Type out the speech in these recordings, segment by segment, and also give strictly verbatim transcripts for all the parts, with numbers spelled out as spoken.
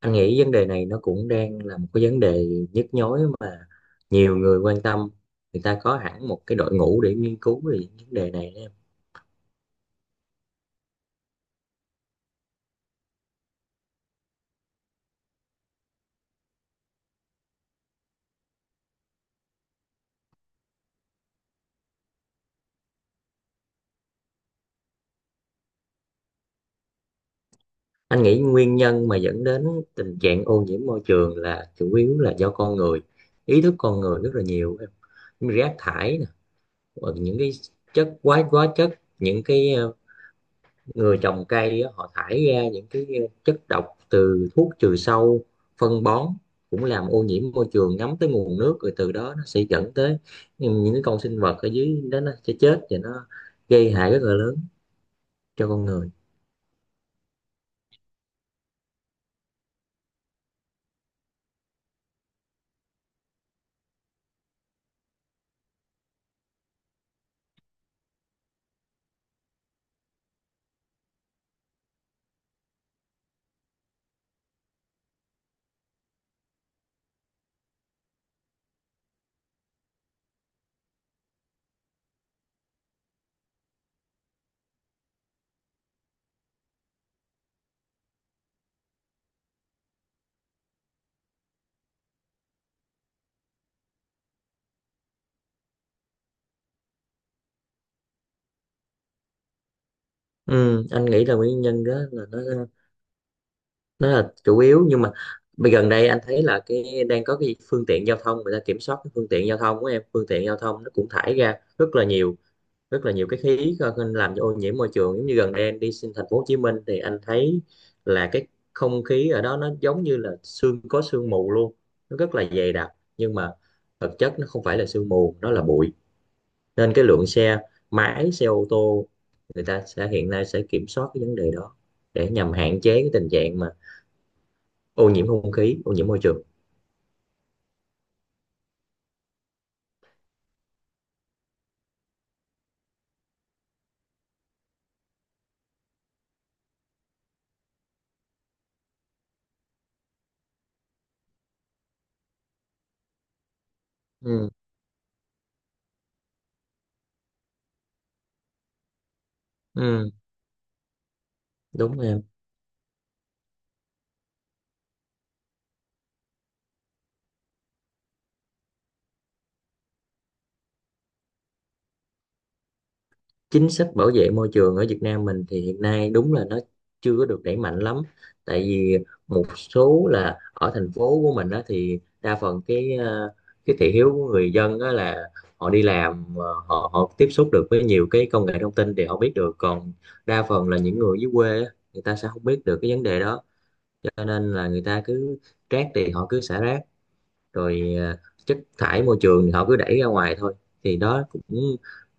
Anh nghĩ vấn đề này nó cũng đang là một cái vấn đề nhức nhối mà nhiều người quan tâm. Người ta có hẳn một cái đội ngũ để nghiên cứu về những vấn đề này đó em. Anh nghĩ nguyên nhân mà dẫn đến tình trạng ô nhiễm môi trường là chủ yếu là do con người, ý thức con người rất là nhiều em. Rác thải nè, hoặc những cái chất quá quá chất những cái ờ, người trồng cây họ thải ra những cái ờ, chất độc từ thuốc trừ sâu, phân bón cũng làm ô nhiễm môi trường, ngấm tới nguồn nước, rồi từ đó nó sẽ dẫn tới những cái con sinh vật ở dưới đó nó sẽ chết, và nó gây hại rất là lớn cho con người. Ừ, anh nghĩ là nguyên nhân đó là nó nó là chủ yếu, nhưng mà bây gần đây anh thấy là cái đang có cái phương tiện giao thông, người ta kiểm soát cái phương tiện giao thông của em. Phương tiện giao thông nó cũng thải ra rất là nhiều rất là nhiều cái khí ờ, làm cho ô nhiễm môi trường. Giống như gần đây anh đi sinh thành phố Hồ Chí Minh thì anh thấy là cái không khí ở đó nó giống như là sương, có sương mù luôn, nó rất là dày đặc. Nhưng mà thực chất nó không phải là sương mù, nó là bụi. Nên cái lượng xe máy, xe ô tô, người ta sẽ hiện nay sẽ kiểm soát cái vấn đề đó để nhằm hạn chế cái tình trạng mà ô nhiễm không khí, ô nhiễm môi trường. Ừ, ừ, đúng em. Chính sách bảo vệ môi trường ở Việt Nam mình thì hiện nay đúng là nó chưa có được đẩy mạnh lắm, tại vì một số là ở thành phố của mình đó thì đa phần cái ờ, cái thị hiếu của người dân đó là họ đi làm, ờ, họ họ tiếp xúc được với nhiều cái công nghệ thông tin thì họ biết được, còn đa phần là những người dưới quê á, người ta sẽ không biết được cái vấn đề đó. Cho nên là người ta cứ rác thì họ cứ xả rác, rồi à, chất thải môi trường thì họ cứ đẩy ra ngoài thôi. Thì đó cũng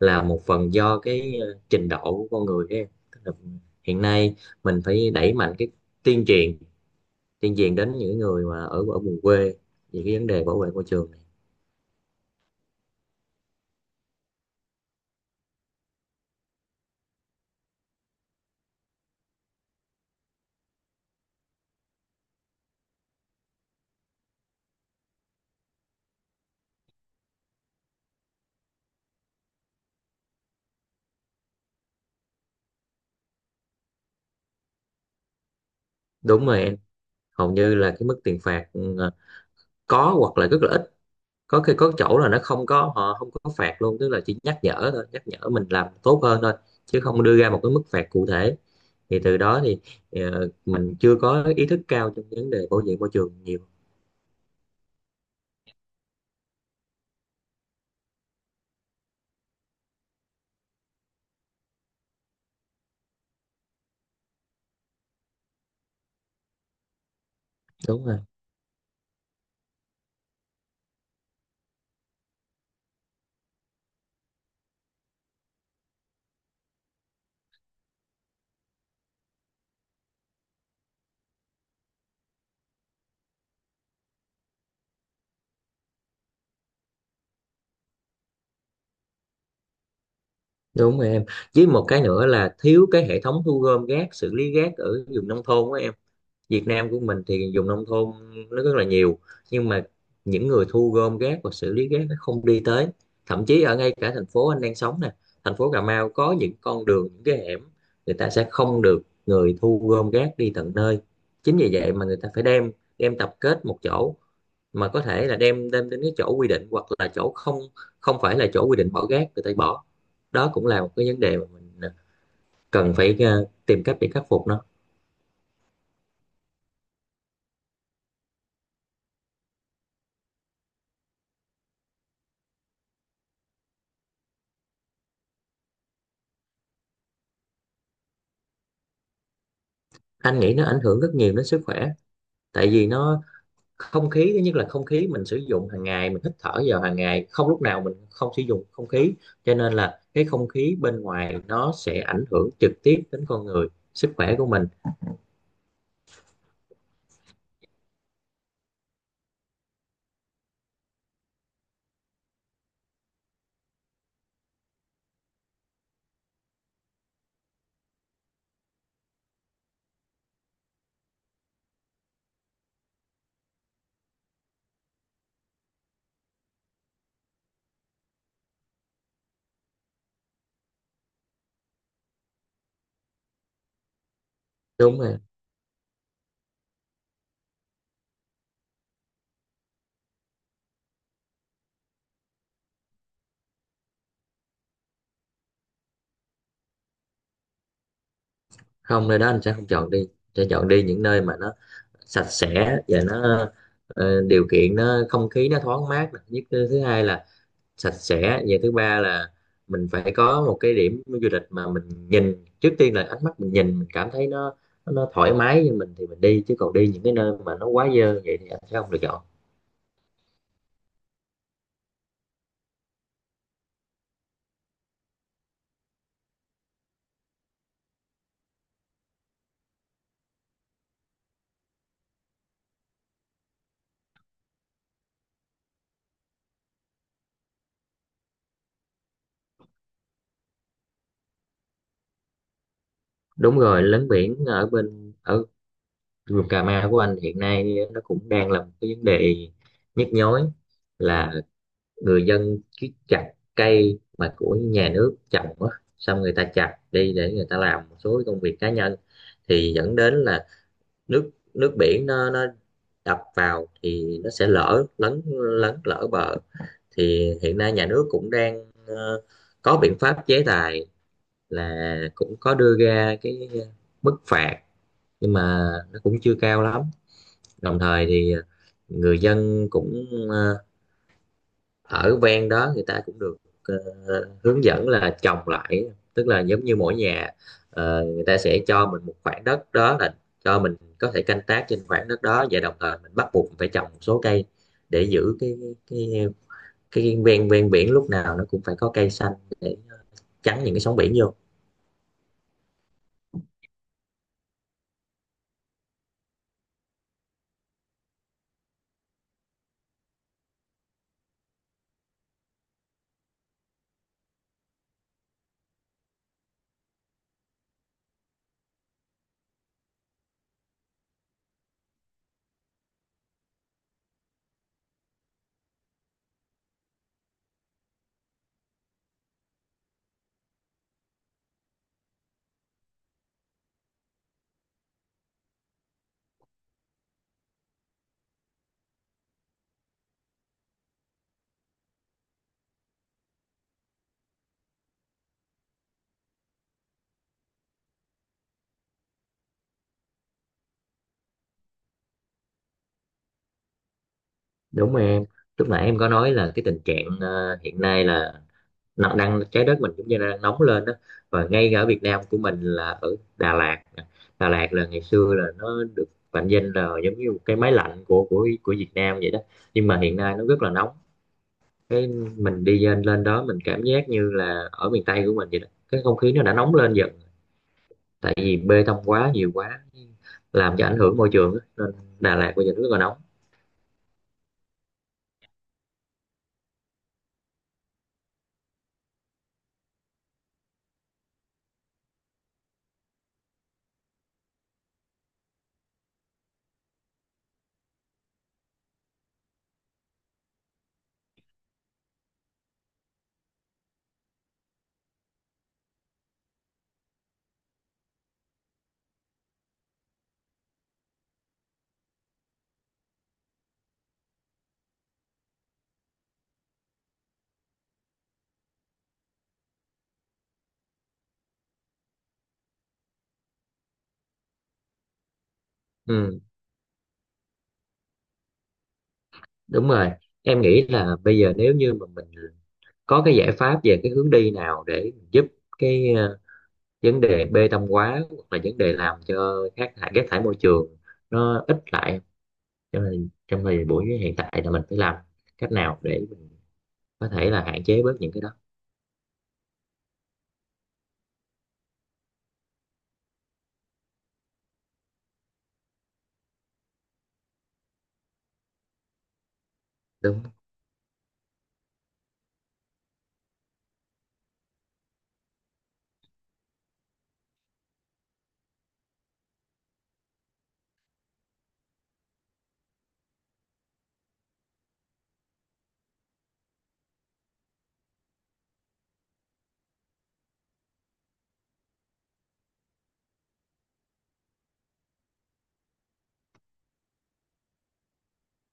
là một phần do cái à, trình độ của con người ấy. Tức là hiện nay mình phải đẩy mạnh cái tuyên truyền, tuyên truyền đến những người mà ở ở vùng quê về cái vấn đề bảo vệ môi trường này. Đúng rồi em, hầu như là cái mức tiền phạt ừ, à, có hoặc là rất là ít, có khi có chỗ là nó không có, họ không có phạt luôn, tức là chỉ nhắc nhở thôi, nhắc nhở mình làm tốt hơn thôi chứ không đưa ra một cái mức phạt cụ thể. Thì từ đó thì ờ, mình chưa có ý thức cao trong vấn đề bảo vệ môi trường nhiều. Đúng rồi, đúng rồi em. Với một cái nữa là thiếu cái hệ thống thu gom rác, xử lý rác ở vùng nông thôn của em. Việt Nam của mình thì dùng nông thôn nó rất là nhiều, nhưng mà những người thu gom rác và xử lý rác nó không đi tới. Thậm chí ở ngay cả thành phố anh đang sống nè, thành phố Cà Mau, có những con đường, những cái hẻm người ta sẽ không được người thu gom rác đi tận nơi. Chính vì vậy mà người ta phải đem, đem tập kết một chỗ, mà có thể là đem đem đến cái chỗ quy định, hoặc là chỗ không, không phải là chỗ quy định bỏ rác người ta bỏ. Đó cũng là một cái vấn đề mà mình à, cần phải ờ, tìm cách để khắc phục nó. Anh nghĩ nó ảnh hưởng rất nhiều đến sức khỏe, tại vì nó không khí, thứ nhất là không khí mình sử dụng hàng ngày, mình hít thở vào hàng ngày, không lúc nào mình không sử dụng không khí. Cho nên là cái không khí bên ngoài nó sẽ ảnh hưởng trực tiếp đến con người, sức khỏe của mình. Đúng rồi. Không, nơi đó anh sẽ không chọn đi, sẽ chọn đi những nơi mà nó sạch sẽ và nó ờ, điều kiện nó không khí nó thoáng mát nè. Nhất, thứ hai là sạch sẽ, và thứ ba là mình phải có một cái điểm du lịch mà mình nhìn, trước tiên là ánh mắt mình nhìn mình cảm thấy nó nó, nó thoải mái với mình thì mình đi. Chứ còn đi những cái nơi mà nó quá dơ vậy thì anh sẽ không lựa chọn. Đúng rồi, lấn biển ở bên ở vùng Cà Mau của anh hiện nay nó cũng đang là một cái vấn đề nhức nhối, là người dân cứ chặt cây mà của nhà nước trồng á, xong người ta chặt đi để người ta làm một số công việc cá nhân, thì dẫn đến là nước nước biển nó nó đập vào thì nó sẽ lở, lấn lấn lở bờ. Thì hiện nay nhà nước cũng đang ờ, có biện pháp chế tài, là cũng có đưa ra cái mức phạt nhưng mà nó cũng chưa cao lắm. Đồng thời thì người dân cũng ờ, ở ven đó người ta cũng được ờ, hướng dẫn là trồng lại. Tức là giống như mỗi nhà ờ, người ta sẽ cho mình một khoảng đất đó, là cho mình có thể canh tác trên khoảng đất đó, và đồng thời mình bắt buộc phải trồng một số cây để giữ cái cái cái ven ven biển lúc nào nó cũng phải có cây xanh để chắn những cái sóng biển vô. Đúng rồi em, lúc nãy em có nói là cái tình trạng ờ, hiện nay là nó đang trái đất mình cũng như là đang nóng lên đó. Và ngay cả ở Việt Nam của mình là ở Đà Lạt nè. Đà Lạt là ngày xưa là nó được mệnh danh là giống như một cái máy lạnh của của của Việt Nam vậy đó, nhưng mà hiện nay nó rất là nóng. Cái mình đi lên lên đó mình cảm giác như là ở miền Tây của mình vậy đó, cái không khí nó đã nóng lên dần, tại vì bê tông quá nhiều quá làm cho ảnh hưởng môi trường á. Nên Đà Lạt bây giờ rất là nóng. Ừ. Đúng rồi, em nghĩ là bây giờ nếu như mà mình có cái giải pháp về cái hướng đi nào để giúp cái ờ, vấn đề bê tông hóa, hoặc là vấn đề làm cho rác thải rác thải môi trường nó ít lại. Cho nên trong thời buổi hiện tại là mình phải làm cách nào để mình có thể là hạn chế bớt những cái đó. Đúng,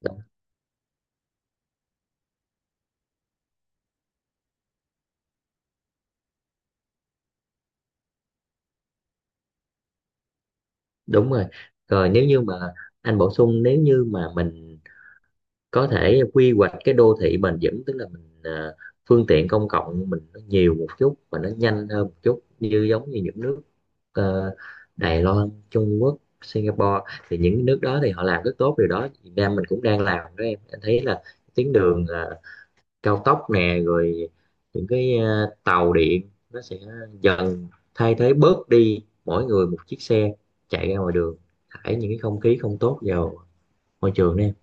đúng, đúng rồi. Rồi nếu như mà anh bổ sung, nếu như mà mình có thể quy hoạch cái đô thị bền vững, tức là mình à, phương tiện công cộng mình nó nhiều một chút và nó nhanh hơn một chút, như giống như những nước ờ, Đài Loan, Trung Quốc, Singapore, thì những nước đó thì họ làm rất tốt điều đó. Việt Nam mình cũng đang làm đó em, anh thấy là tuyến đường ờ, cao tốc nè, rồi những cái ờ, tàu điện nó sẽ dần thay thế bớt đi mỗi người một chiếc xe chạy ra ngoài đường thải những cái không khí không tốt vào môi trường đó em.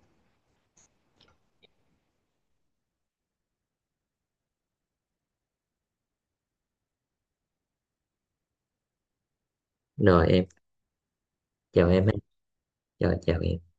Rồi em. Chào em ha. Rồi, chào em.